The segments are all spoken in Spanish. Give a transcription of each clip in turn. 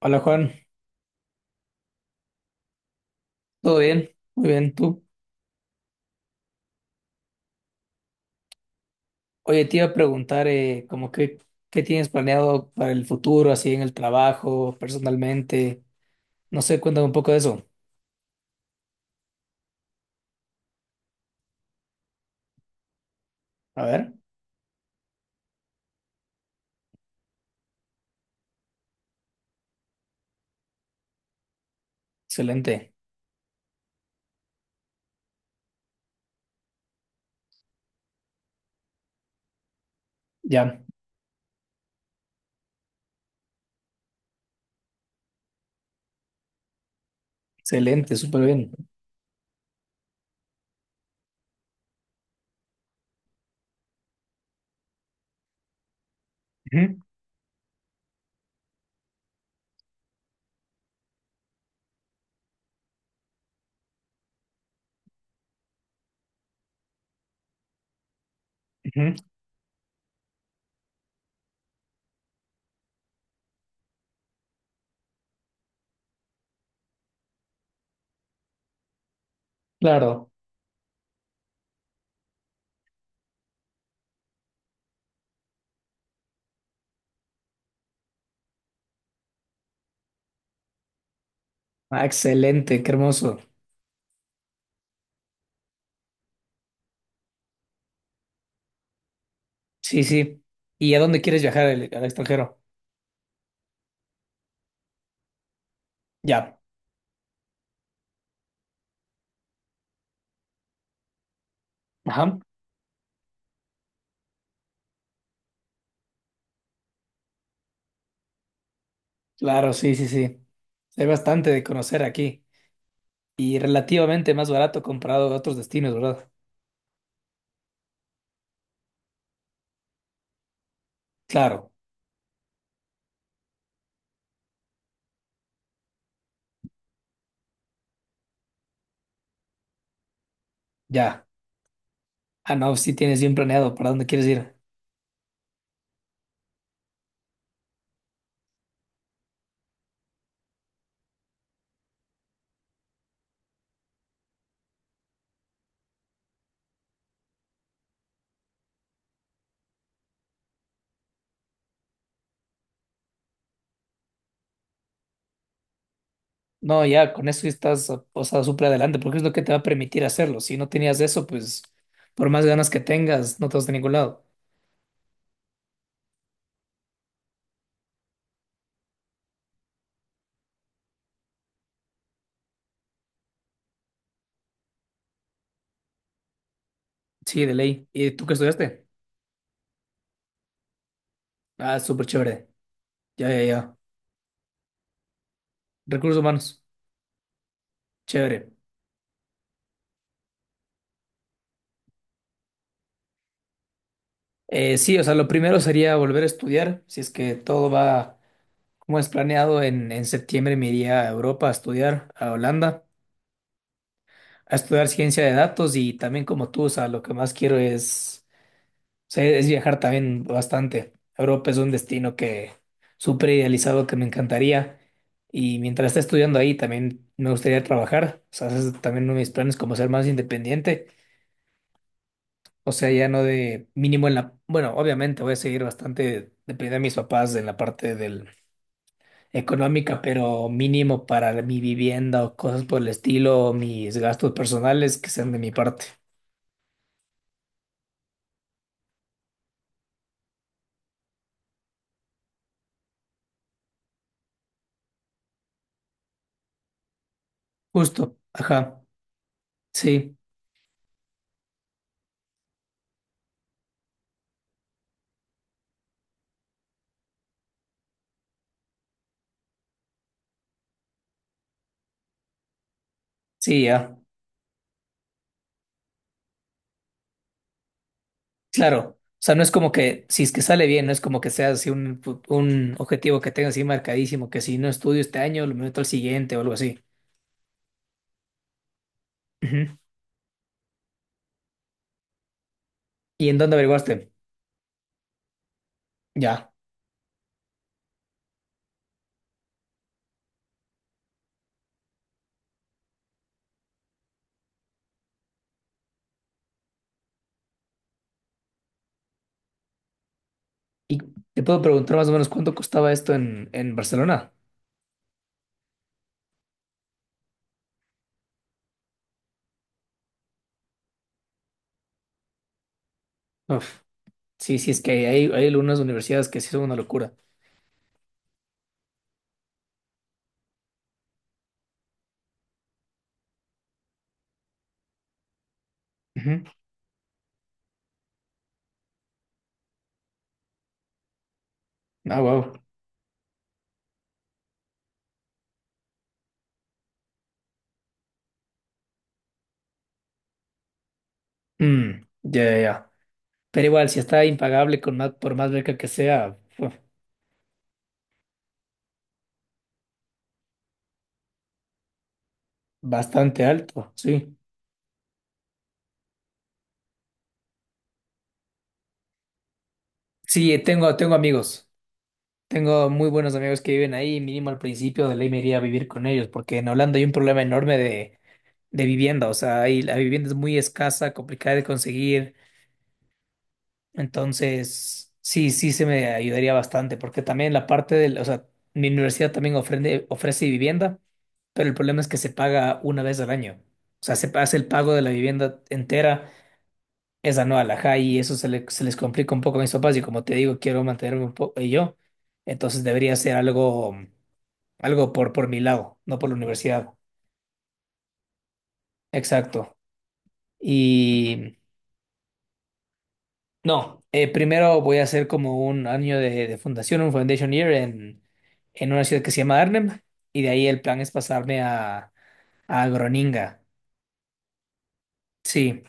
Hola Juan, ¿todo bien? Muy bien, tú. Oye, te iba a preguntar, como que, ¿qué tienes planeado para el futuro, así en el trabajo, personalmente? No sé, cuéntame un poco de eso. A ver, excelente. Ya, excelente, súper bien. Ujú, ujú. Claro. Ah, excelente, qué hermoso. Sí, sí. ¿Y a dónde quieres viajar al, al extranjero? Ya, ajá. Claro, sí, sí, sí. Hay bastante de conocer aquí y relativamente más barato comparado a otros destinos, ¿verdad? Claro, ya. Ah, no, sí tienes bien planeado para dónde quieres ir. No, ya, con eso estás, o sea, súper adelante, porque es lo que te va a permitir hacerlo. Si no tenías eso, pues, por más ganas que tengas, no te vas de ningún lado. Sí, de ley. ¿Y tú qué estudiaste? Ah, súper chévere. Ya, ya, ya. Recursos humanos. Chévere. Sí, o sea, lo primero sería volver a estudiar. Si es que todo va como es planeado, en septiembre me iría a Europa a estudiar, a Holanda, a estudiar ciencia de datos y también como tú, o sea, lo que más quiero es sí, es viajar también bastante. Europa es un destino que súper idealizado que me encantaría. Y mientras esté estudiando ahí, también me gustaría trabajar. O sea, ese es también uno de mis planes como ser más independiente. O sea, ya no de mínimo en la... Bueno, obviamente voy a seguir bastante dependiendo de mis papás en la parte del económica, pero mínimo para mi vivienda o cosas por el estilo, mis gastos personales que sean de mi parte. Justo, ajá. Sí, sí, ya. Claro, o sea, no es como que, si es que sale bien, no es como que sea así un, un objetivo que tenga así marcadísimo, que si no estudio este año, lo meto al siguiente o algo así. Ujú. ¿Y en dónde averiguaste? Ya. ¿Y te puedo preguntar más o menos cuánto costaba esto en Barcelona? Uf. Sí, sí, es que hay algunas universidades que sí son una locura. Ujú. Ah, wow. Mm, ya, ya, ya. Pero igual, si está impagable con más, por más beca que sea, uf, bastante alto, sí. Sí, tengo, tengo amigos. Tengo muy buenos amigos que viven ahí, mínimo al principio de ley me iría a vivir con ellos, porque en Holanda hay un problema enorme de vivienda, o sea, ahí la vivienda es muy escasa, complicada de conseguir, entonces sí, sí se me ayudaría bastante, porque también la parte del, o sea, mi universidad también ofrece, ofrece vivienda, pero el problema es que se paga una vez al año, o sea, se hace el pago de la vivienda entera, es anual, ajá, y eso se, se les complica un poco a mis papás, y como te digo, quiero mantenerme un poco yo, entonces debería ser algo algo por mi lado, no por la universidad. Exacto. Y no, primero voy a hacer como un año de fundación, un foundation year en una ciudad que se llama Arnhem. Y de ahí el plan es pasarme a Groninga. Sí,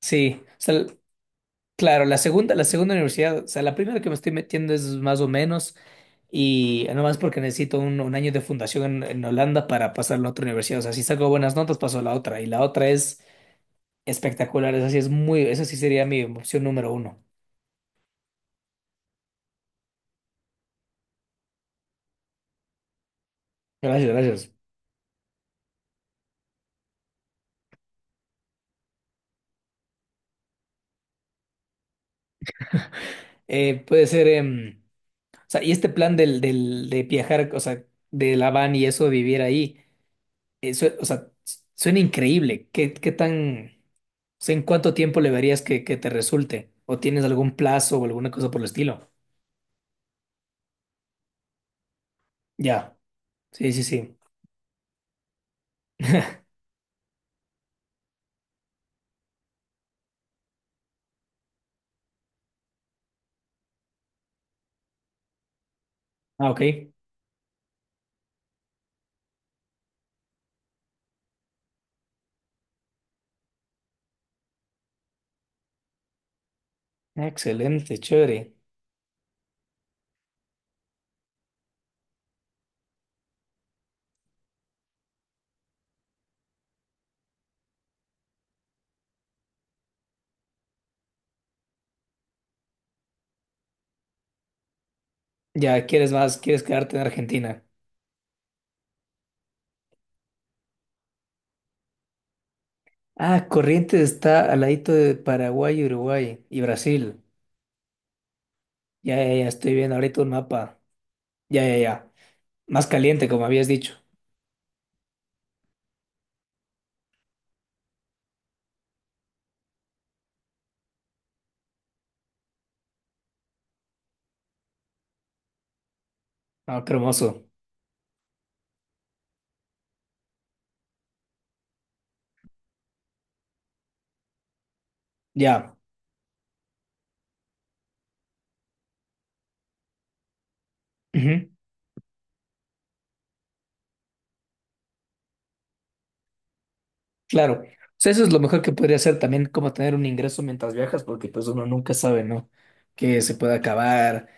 sí. O sea, claro, la segunda universidad, o sea, la primera que me estoy metiendo es más o menos. Y nomás porque necesito un año de fundación en Holanda para pasar a la otra universidad. O sea, si saco buenas notas, paso a la otra. Y la otra es espectacular, esa sí es muy, esa sí sería mi opción número uno. Gracias, gracias. Puede ser, o sea, y este plan del, del, de viajar, o sea, de la van y eso, vivir ahí, eso, o sea, suena increíble. ¿Qué, qué tan, o sea, en cuánto tiempo le verías que te resulte? ¿O tienes algún plazo o alguna cosa por el estilo? Ya, sí, sí, sí. Ah, ok. Excelente, chévere. Ya, ¿quieres más? ¿Quieres quedarte en Argentina? Ah, Corrientes está al ladito de Paraguay, Uruguay y Brasil. Ya, ya, ya, estoy viendo ahorita un mapa. Ya, ya, ya. Más caliente, como habías dicho. Ah, qué hermoso. Ya. Ujú. Claro. O sea, eso es lo mejor que podría hacer también, como tener un ingreso mientras viajas, porque pues uno nunca sabe, ¿no? Que se puede acabar.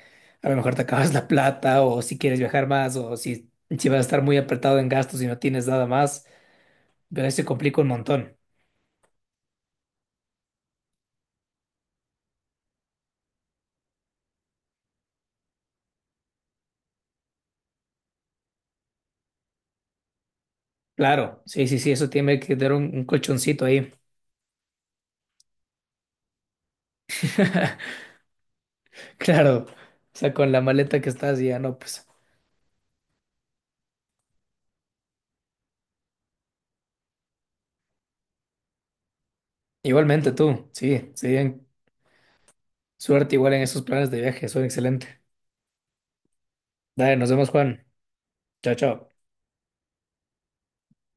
A lo mejor te acabas la plata, o si quieres viajar más, o si, si vas a estar muy apretado en gastos y no tienes nada más. Pero ahí se complica un montón. Claro. Sí, sí, sí, eso tiene que tener un colchoncito ahí. Claro. O sea, con la maleta que estás ya no, pues. Igualmente tú, sí, sí, suerte igual en esos planes de viaje, son excelente. Dale, nos vemos, Juan. Chao, chao.